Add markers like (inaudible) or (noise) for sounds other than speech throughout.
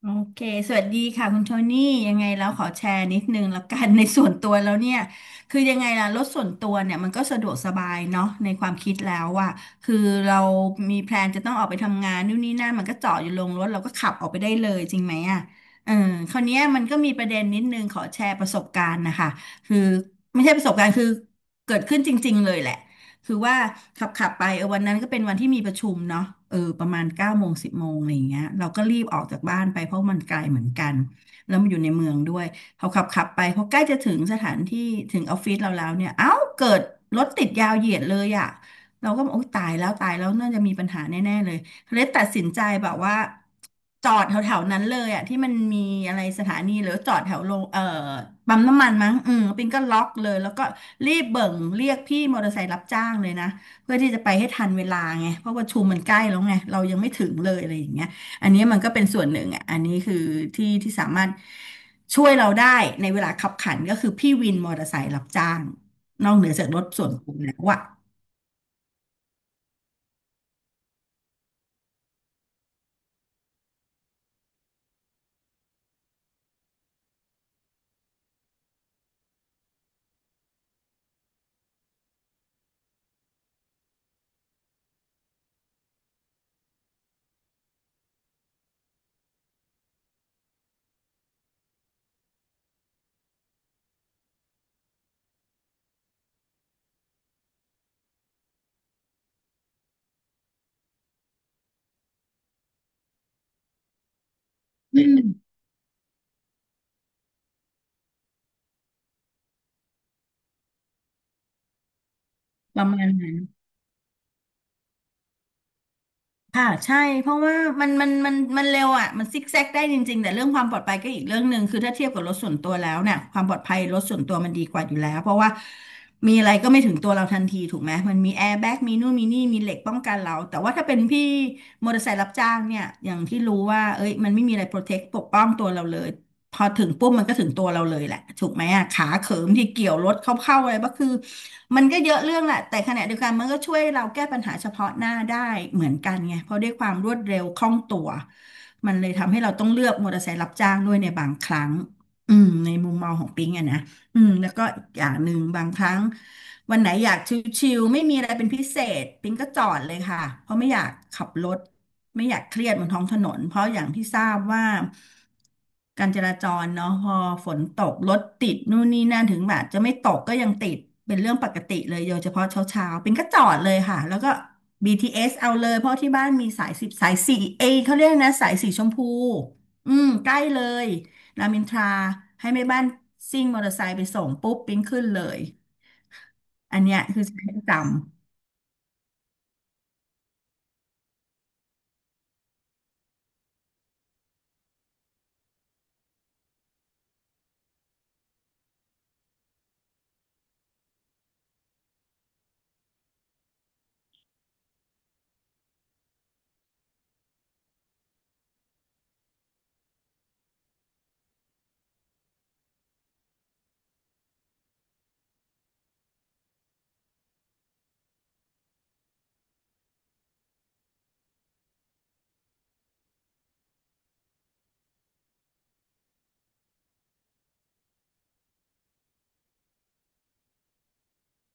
โอเคสวัสดีค่ะคุณโทนี่ยังไงแล้วขอแชร์นิดนึงแล้วกัน (laughs) ในส่วนตัวแล้วเนี่ยคือยังไงล่ะรถส่วนตัวเนี่ยมันก็สะดวกสบายเนาะในความคิดแล้วอะคือเรามีแพลนจะต้องออกไปทำงานนู่นนี่นั่นมันก็จอดอยู่ลงรถเราก็ขับออกไปได้เลยจริงไหมอะเออคราวเนี้ยมันก็มีประเด็นนิดนึงขอแชร์ประสบการณ์นะคะคือไม่ใช่ประสบการณ์คือเกิดขึ้นจริงๆเลยแหละ คือว่าขับไปวันนั้นก็เป็นวันที่มีประชุมเนาะประมาณเก้าโมงสิบโมงอะไรอย่างเงี้ยเราก็รีบออกจากบ้านไปเพราะมันไกลเหมือนกันแล้วมันอยู่ในเมืองด้วยเขาขับไปพอใกล้จะถึงสถานที่ถึงออฟฟิศเราแล้วเนี่ยเอ้าเกิดรถติดยาวเหยียดเลยอ่ะเราก็บอกโอ๊ยตายแล้วตายแล้วน่าจะมีปัญหาแน่ๆเลย เลยตัดสินใจแบบว่าจอดแถวๆนั้นเลยอ่ะที่มันมีอะไรสถานีหรือจอดแถวโรงปั๊มน้ำมันมั้งอืมปิงก็ล็อกเลยแล้วก็รีบเบิ่งเรียกพี่มอเตอร์ไซค์รับจ้างเลยนะเพื่อที่จะไปให้ทันเวลาไงเพราะว่าชุมมันใกล้แล้วไงเรายังไม่ถึงเลยอะไรอย่างเงี้ยอันนี้มันก็เป็นส่วนหนึ่งอ่ะอันนี้คือที่สามารถช่วยเราได้ในเวลาขับขันก็คือพี่วินมอเตอร์ไซค์รับจ้างนอกเหนือจากรถส่วนตัวแล้วอ่ะอืมประมาณนั้น ค่ะใช่เพราะว่ามันเร็วอ่ะมันซิกแซกได้จริงๆแต่เรื่องความปลอดภัยก็อีกเรื่องหนึ่งคือถ้าเทียบกับรถส่วนตัวแล้วเนี่ยความปลอดภัยรถส่วนตัวมันดีกว่าอยู่แล้วเพราะว่ามีอะไรก็ไม่ถึงตัวเราทันทีถูกไหมมันมีแอร์แบ็กมีนู่นมีนี่มีเหล็กป้องกันเราแต่ว่าถ้าเป็นพี่มอเตอร์ไซค์รับจ้างเนี่ยอย่างที่รู้ว่าเอ้ยมันไม่มีอะไรโปรเทคปกป้องตัวเราเลย พอถึงปุ๊บมันก็ถึงตัวเราเลยแหละถูกไหมอ่ะขาเขิมที่เกี่ยวรถเข้าๆอะไรก็คือมันก็เยอะเรื่องแหละแต่ขณะเดียวกันมันก็ช่วยเราแก้ปัญหาเฉพาะหน้าได้เหมือนกันไงเพราะด้วยความรวดเร็วคล่องตัวมันเลยทำให้เราต้องเลือกมอเตอร์ไซค์รับจ้างด้วยในบางครั้งอืมในมุมมองของปิงอะนะ อืมแล้วก็อีกอย่างหนึ่งบางครั้งวันไหนอยากชิลๆไม่มีอะไรเป็นพิเศษปิงก็จอดเลยค่ะเพราะไม่อยากขับรถไม่อยากเครียดบนท้องถนนเพราะอย่างที่ทราบว่าการจราจรเนาะพอฝนตกรถติดนู่นนี่นั่นถึงแบบจะไม่ตกก็ยังติดเป็นเรื่องปกติเลยโดยเฉพาะเช้าเช้าปิงก็จอดเลยค่ะแล้วก็ BTS เอสเอาเลยเพราะที่บ้านมีสายสิบสายสี่เอยเขาเรียกนะสายสีชมพูอืมใกล้เลย รามอินทราให้แม่บ้านซิ่งมอเตอร์ไซค์ไปส่งปุ๊บปิ๊งขึ้นเลย อันเนี้ยคือใช้ประจ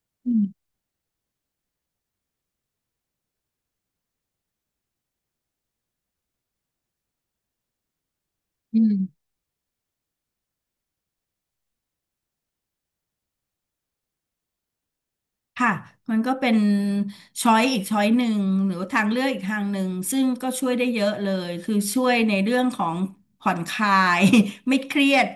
ำอืม ค่ะมันก็เป็นช้อยอีกช้อยหนึ่งหรือทางเลือกอีกทางหนึ่งซึ่งก็ช่วยได้เยอะเลยคือช่วยในเรื่องของผ่อนคลาย (laughs) ไม่เครียด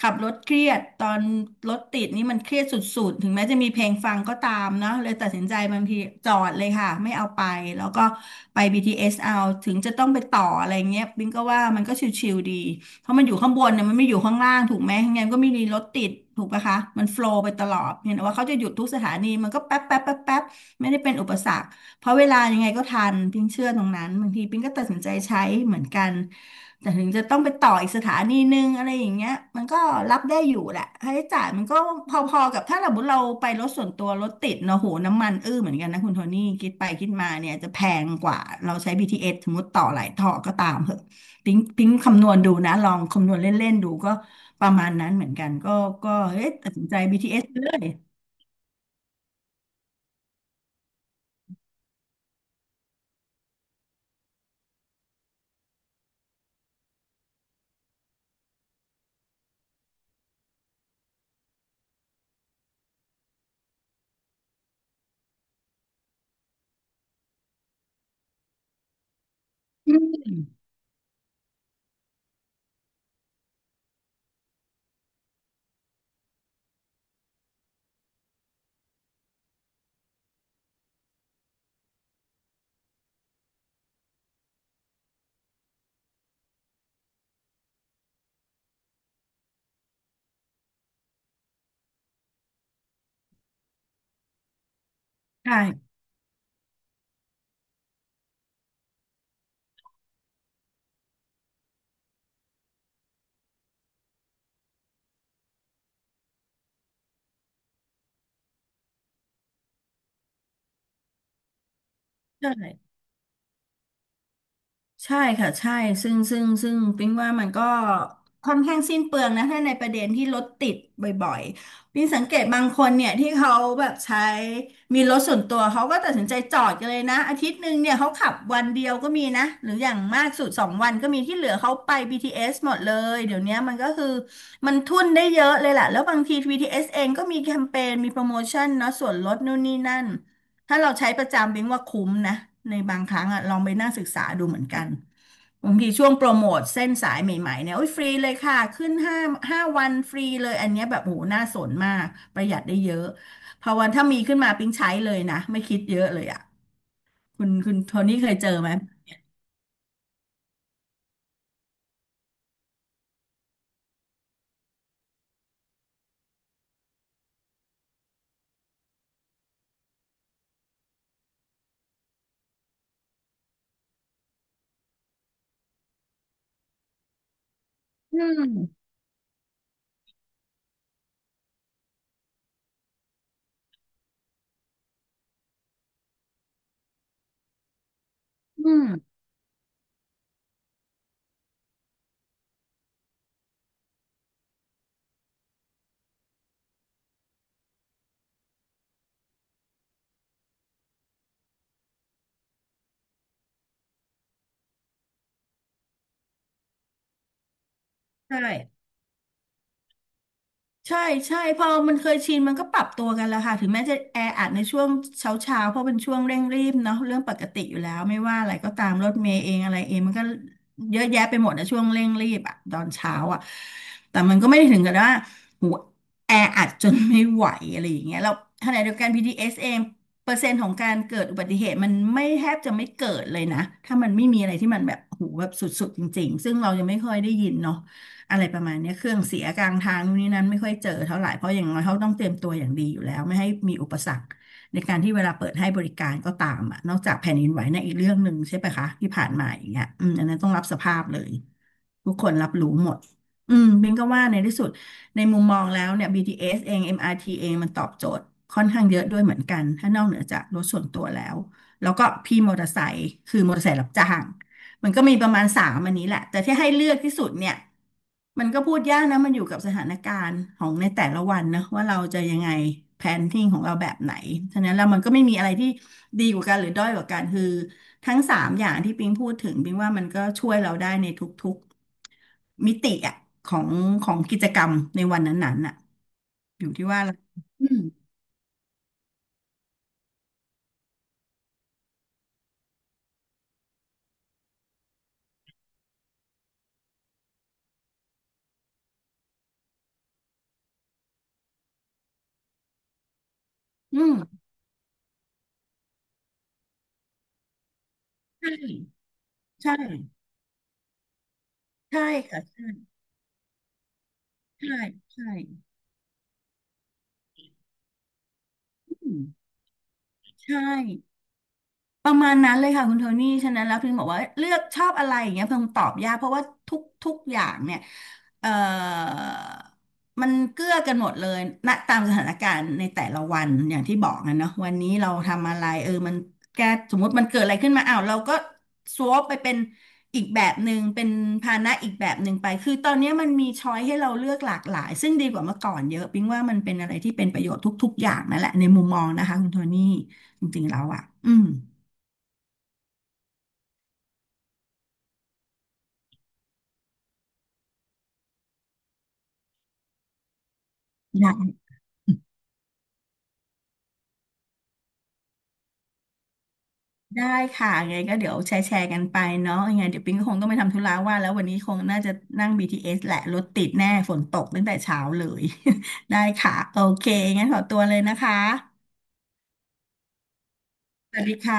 ขับรถเครียดตอนรถติดนี่มันเครียดสุดๆถึงแม้จะมีเพลงฟังก็ตามเนาะเลยตัดสินใจบางทีจอดเลยค่ะไม่เอาไปแล้วก็ไป BTS เอสเอาถึงจะต้องไปต่ออะไรเงี้ยบิงก็ว่ามันก็ชิวๆดี เพราะมันอยู่ข้างบนเนี่ยมันไม่อยู่ข้างล่างถูกไหมงั้นก็ไม่มีรถติดถูกปะคะ มันโฟลว์ไปตลอดเห็นว่าเขาจะหยุดทุกสถานีมันก็แป๊บแป๊บแป๊บแป๊บไม่ได้เป็นอุปสรรคเพราะเวลายังไงก็ทันปิงเชื่อตรงนั้นบางทีปิงก็ตัดสินใจใช้เหมือนกันแต่ถึงจะต้องไปต่ออีกสถานีนึงอะไรอย่างเงี้ยมันก็รับได้อยู่แหละค่าใช้จ่ายมันก็พอๆกับถ้าสมมติเราไปรถส่วนตัวรถติดเนอะโหน้ำมันอื้อเหมือนกันนะคุณโทนี่คิดไปคิดมาเนี่ยจะแพงกว่าเราใช้ BTS สสมมติต่อหลายต่อก็ตามเหอะ ปิ๊งคำนวณดูนะลองคำนวณเล่นๆดูก็ประมาณนั้นเหมือนกันก็เอ๊ะตัดสินใจ BTS ไปเลยอืมใช่ใช่ ใช่ค่ะใช่ซึ่งปิ๊งว่ามันก็ค่อนข้างสิ้นเปลืองนะถ้าในประเด็นที่รถติดบ่อยๆปิ๊งสังเกตบางคนเนี่ยที่เขาแบบใช้มีรถส่วนตัวเขาก็ตัดสินใจจอดกันเลยนะอาทิตย์หนึ่งเนี่ยเขาขับวันเดียวก็มีนะหรืออย่างมากสุดสองวันก็มีที่เหลือเขาไป BTS หมดเลยเดี๋ยวเนี้ยมันก็คือมันทุ่นได้เยอะเลยแหละแล้วบางทีบีทีเ t สเองก็มีแคมเปญมีโปรโมชั่นเนาะส่วนลดนู่นนี่นั่น ถ้าเราใช้ประจำบิงว่าคุ้มนะในบางครั้งอะลองไปนั่งศึกษาดูเหมือนกันบางทีช่วงโปรโมทเส้นสายใหม่ๆเนี่ยโอ้ยฟรีเลยค่ะขึ้นห้าวันฟรีเลยอันเนี้ยแบบโหน่าสนมากประหยัดได้เยอะพอวันถ้ามีขึ้นมาปิ๊งใช้เลยนะไม่คิดเยอะเลยอะคุณโทนี่เคยเจอไหมอืมอืมใช่ ใช่ใช่พอมันเคยชินมันก็ปรับตัวกันแล้วค่ะถึงแม้จะแออัดในช่วงเช้าเพราะเป็นช่วงเร่งรีบเนาะเรื่องปกติอยู่แล้วไม่ว่าอะไรก็ตามรถเมล์เองอะไรเองมันก็เยอะแยะไปหมดในช่วงเร่งรีบอะตอนเช้าอะแต่มันก็ไม่ได้ถึงกับว่าหูแออัดจนไม่ไหวอะไรอย่างเงี้ยแล้วขณะเดียวกัน BTS เอสเองเปอร์เซ็นต์ของการเกิดอุบัติเหตุมันไม่แทบจะไม่เกิดเลยนะถ้ามันไม่มีอะไรที่มันแบบหูแบบสุดๆจริงๆซึ่งเรายังไม่ค่อยได้ยินเนาะ อะไรประมาณเนี้ยเครื่องเสียกลางทางนู่นนี่นั้นไม่ค่อยเจอเท่าไหร่เพราะอย่างน้อยเขาต้องเตรียมตัวอย่างดีอยู่แล้วไม่ให้มีอุปสรรคในการที่เวลาเปิดให้บริการก็ตามอ่ะนอกจากแผ่นดินไหวในะอีกเรื่องหนึ่งใช่ไหมคะที่ผ่านมาอย่างเงี้ยอืมอันนั้นต้องรับสภาพเลยทุกคนรับรู้หมดอืมบิงก็ว่าในที่สุดในมุมมองแล้วเนี่ย BTS เอสเอง MRT เองมันตอบโจทย์ค่อนข้างเยอะด้วยเหมือนกันถ้านอกเหนือจากรถส่วนตัวแล้วแล้วก็พี่มอเตอร์ไซค์คือมอเตอร์ไซค์รับจ้าง มันก็มีประมาณสามอันนี้แหละแต่ที่ให้เลือกที่สุดเนี่ยมันก็พูดยากนะมันอยู่กับสถานการณ์ของในแต่ละวันนะว่าเราจะยังไงแพนทิ้งของเราแบบไหนฉะนั้นแล้วมันก็ไม่มีอะไรที่ดีกว่ากันหรือด้อยกว่ากันคือทั้งสามอย่างที่ปิงพูดถึงปิงว่ามันก็ช่วยเราได้ในทุกๆมิติอะของของกิจกรรมในวันนั้นๆน่ะอยู่ที่ว่าเราอืมอืมใช่ใช่ใช่ค่ะใช่ใช่ใช่อืมใช่ ประมาณนั้นเลยค่ะคุณโทนี่ฉะนั้นแล้วพิงบอกว่าเลือกชอบอะไรอย่างเงี้ยพิงตอบยากเพราะว่าทุกอย่างเนี่ยเอ่อมันเกื้อกันหมดเลยณตามสถานการณ์ในแต่ละวันอย่างที่บอกนะเนาะวันนี้เราทำอะไรเออมันแกสมมติมันเกิดอะไรขึ้นมาอ้าวเราก็สวอปไปเป็นอีกแบบหนึ่งเป็นภาณะอีกแบบหนึ่งไปคือตอนเนี้ยมันมีช้อยให้เราเลือกหลากหลายซึ่งดีกว่าเมื่อก่อนเยอะพิงว่ามันเป็นอะไรที่เป็นประโยชน์ทุกๆอย่างนั่นแหละในมุมมองนะคะคุณโทนี่จริงๆแล้วอ่ะอืม ได้ได้ค่ะยังไงก็เดี๋ยวแชร์กันไปเนาะยังไงเดี๋ยวปิงก็คงต้องไปทำธุระว่าแล้ววันนี้คงน่าจะนั่ง BTS แหละรถติดแน่ฝนตกตั้งแต่เช้าเลย (laughs) ได้ค่ะโอเคงั้นขอตัวเลยนะคะสวัสดีค่ะ